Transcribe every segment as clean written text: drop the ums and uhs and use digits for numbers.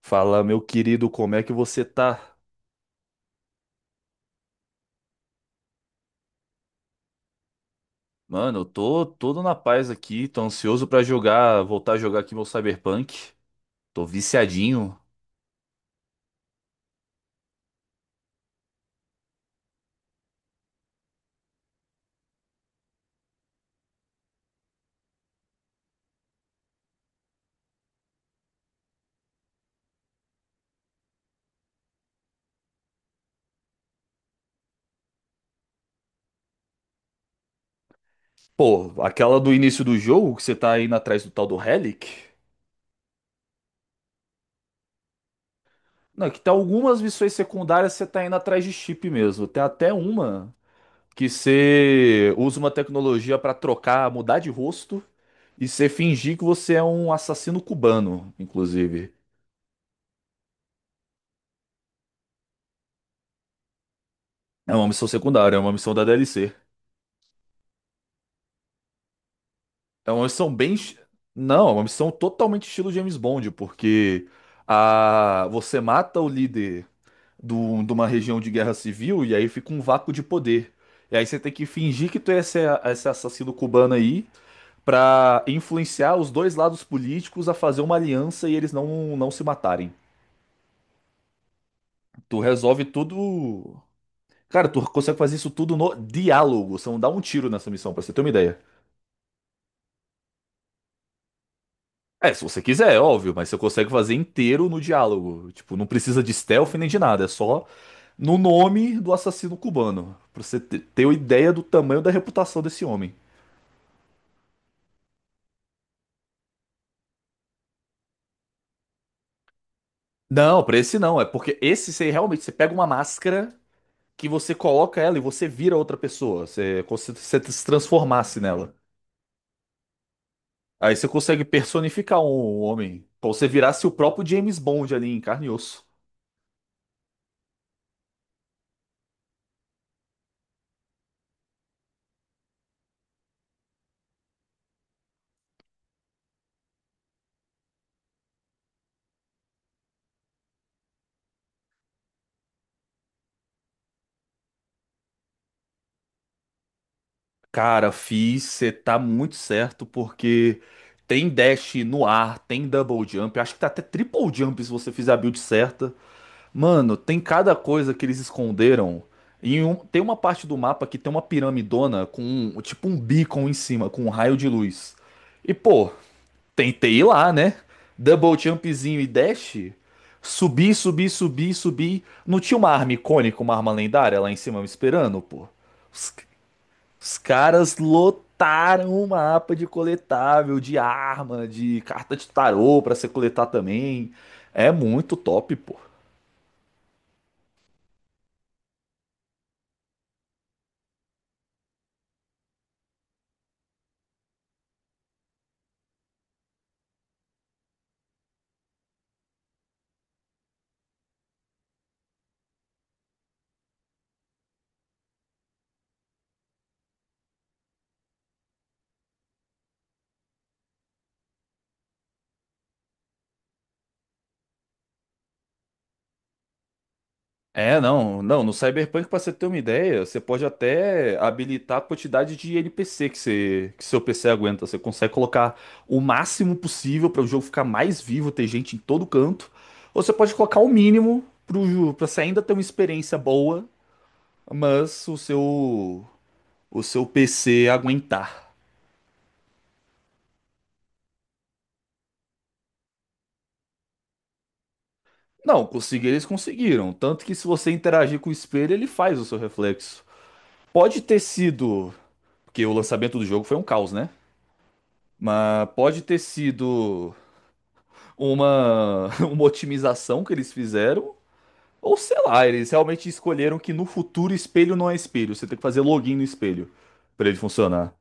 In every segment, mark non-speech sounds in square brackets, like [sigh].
Fala, meu querido, como é que você tá? Mano, eu tô todo na paz aqui, tô ansioso pra jogar, voltar a jogar aqui meu Cyberpunk. Tô viciadinho. Pô, aquela do início do jogo que você tá indo atrás do tal do Relic? Não, que tem algumas missões secundárias que você tá indo atrás de chip mesmo. Tem até uma que você usa uma tecnologia pra trocar, mudar de rosto e você fingir que você é um assassino cubano, inclusive. É uma missão secundária, é uma missão da DLC. É uma missão bem. Não, é uma missão totalmente estilo James Bond, porque você mata o líder de uma região de guerra civil e aí fica um vácuo de poder. E aí você tem que fingir que tu é esse assassino cubano aí pra influenciar os dois lados políticos a fazer uma aliança e eles não se matarem. Tu resolve tudo. Cara, tu consegue fazer isso tudo no diálogo. Você não dá um tiro nessa missão, pra você ter uma ideia. É, se você quiser, é óbvio, mas você consegue fazer inteiro no diálogo. Tipo, não precisa de stealth nem de nada, é só no nome do assassino cubano, pra você ter uma ideia do tamanho da reputação desse homem. Não, pra esse não, é porque esse você realmente, você pega uma máscara que você coloca ela e você vira outra pessoa, você, como se você se transformasse nela. Aí você consegue personificar um homem, como se você virasse o próprio James Bond ali em carne e osso. Cara, fiz, você tá muito certo, porque tem dash no ar, tem double jump, acho que tá até triple jump se você fizer a build certa. Mano, tem cada coisa que eles esconderam. Tem uma parte do mapa que tem uma piramidona com tipo um beacon em cima, com um raio de luz. E pô, tentei ir lá, né? Double jumpzinho e dash. Subi, subi, subi, subi. Não tinha uma arma icônica, uma arma lendária lá em cima me esperando, pô. Os caras lotaram o mapa de coletável, de arma, de carta de tarô pra você coletar também. É muito top, pô. É, não, não, no Cyberpunk, pra você ter uma ideia, você pode até habilitar a quantidade de NPC que seu PC aguenta. Você consegue colocar o máximo possível para o jogo ficar mais vivo, ter gente em todo canto. Ou você pode colocar o mínimo pra você ainda ter uma experiência boa, mas o seu PC aguentar. Não, conseguir eles conseguiram. Tanto que se você interagir com o espelho, ele faz o seu reflexo. Pode ter sido, porque o lançamento do jogo foi um caos, né? Mas pode ter sido uma, [laughs] uma otimização que eles fizeram. Ou sei lá, eles realmente escolheram que no futuro espelho não é espelho. Você tem que fazer login no espelho pra ele funcionar.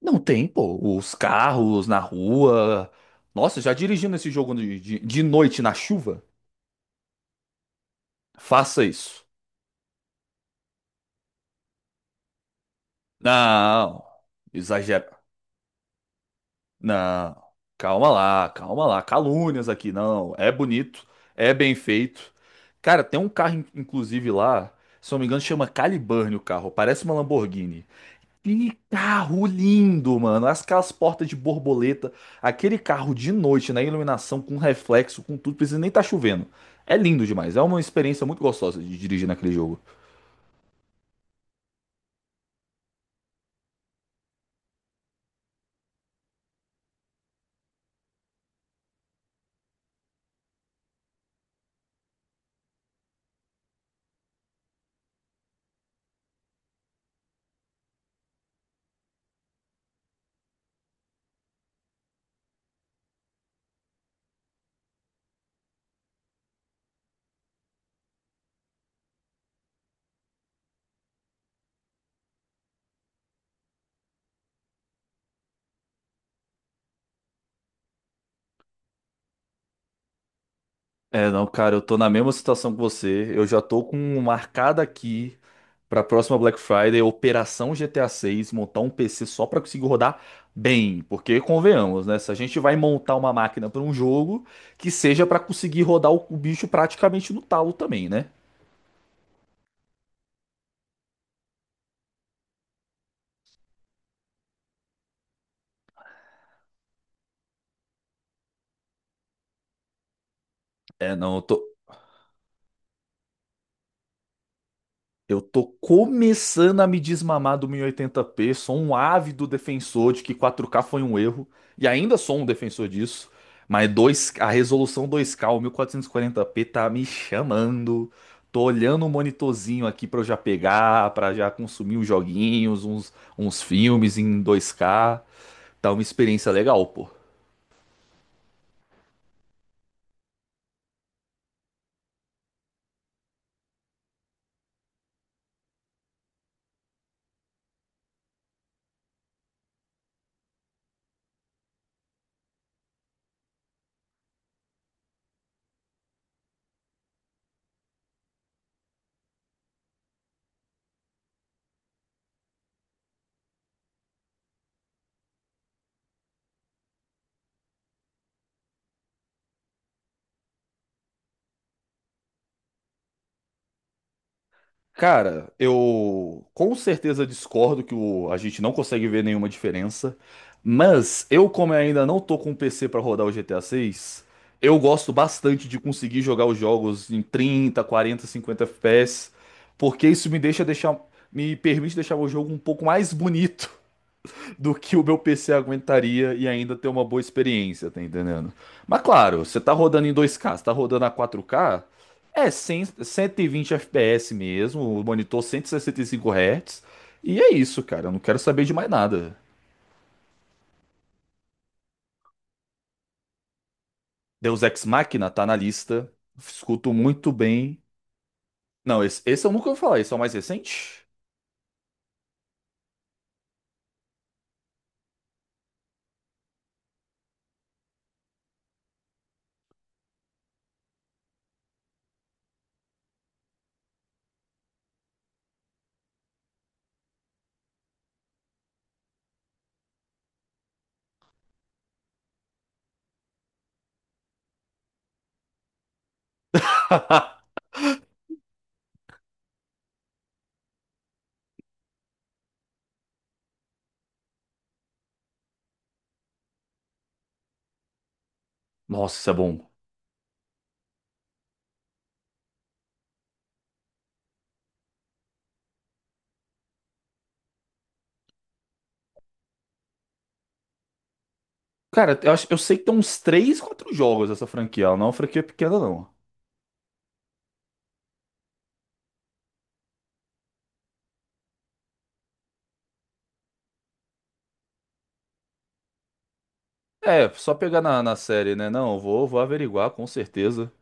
Não tem, pô. Os carros na rua. Nossa, já dirigindo esse jogo de noite na chuva? Faça isso. Não. Não, calma lá, calma lá. Calúnias aqui, não. É bonito, é bem feito. Cara, tem um carro, inclusive, lá, se não me engano, chama Caliburn o carro. Parece uma Lamborghini. Que carro lindo, mano. Aquelas portas de borboleta. Aquele carro de noite, na iluminação, com reflexo, com tudo. Precisa nem estar chovendo. É lindo demais. É uma experiência muito gostosa de dirigir naquele jogo. É, não, cara, eu tô na mesma situação que você. Eu já tô com marcada aqui pra próxima Black Friday, Operação GTA 6, montar um PC só pra conseguir rodar bem. Porque, convenhamos, né? Se a gente vai montar uma máquina pra um jogo, que seja pra conseguir rodar o bicho praticamente no talo também, né? É, não. Eu tô começando a me desmamar do 1080p, sou um ávido defensor de que 4K foi um erro, e ainda sou um defensor disso, mas 2, a resolução 2K, o 1440p tá me chamando. Tô olhando o monitorzinho aqui pra eu já pegar, pra já consumir uns joguinhos, uns filmes em 2K. Tá uma experiência legal, pô. Cara, eu com certeza discordo que a gente não consegue ver nenhuma diferença, mas eu, como ainda não tô com um PC pra rodar o GTA 6, eu gosto bastante de conseguir jogar os jogos em 30, 40, 50 FPS, porque isso me permite deixar o jogo um pouco mais bonito do que o meu PC aguentaria e ainda ter uma boa experiência, tá entendendo? Mas claro, você tá rodando em 2K, você tá rodando a 4K, é 100, 120 FPS mesmo, o monitor 165 Hz, e é isso, cara, eu não quero saber de mais nada. Deus Ex Machina tá na lista, escuto muito bem. Não, esse eu nunca ouvi falar, esse é o mais recente? [laughs] Nossa, isso é bom. Cara, eu sei que tem uns 3, 4 jogos essa franquia, ela não é uma franquia pequena, não. É, só pegar na série, né? Não, vou averiguar, com certeza.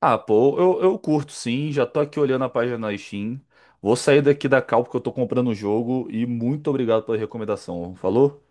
Ah, pô, eu curto sim, já tô aqui olhando a página na Steam. Vou sair daqui da cal porque eu tô comprando o jogo e muito obrigado pela recomendação. Falou?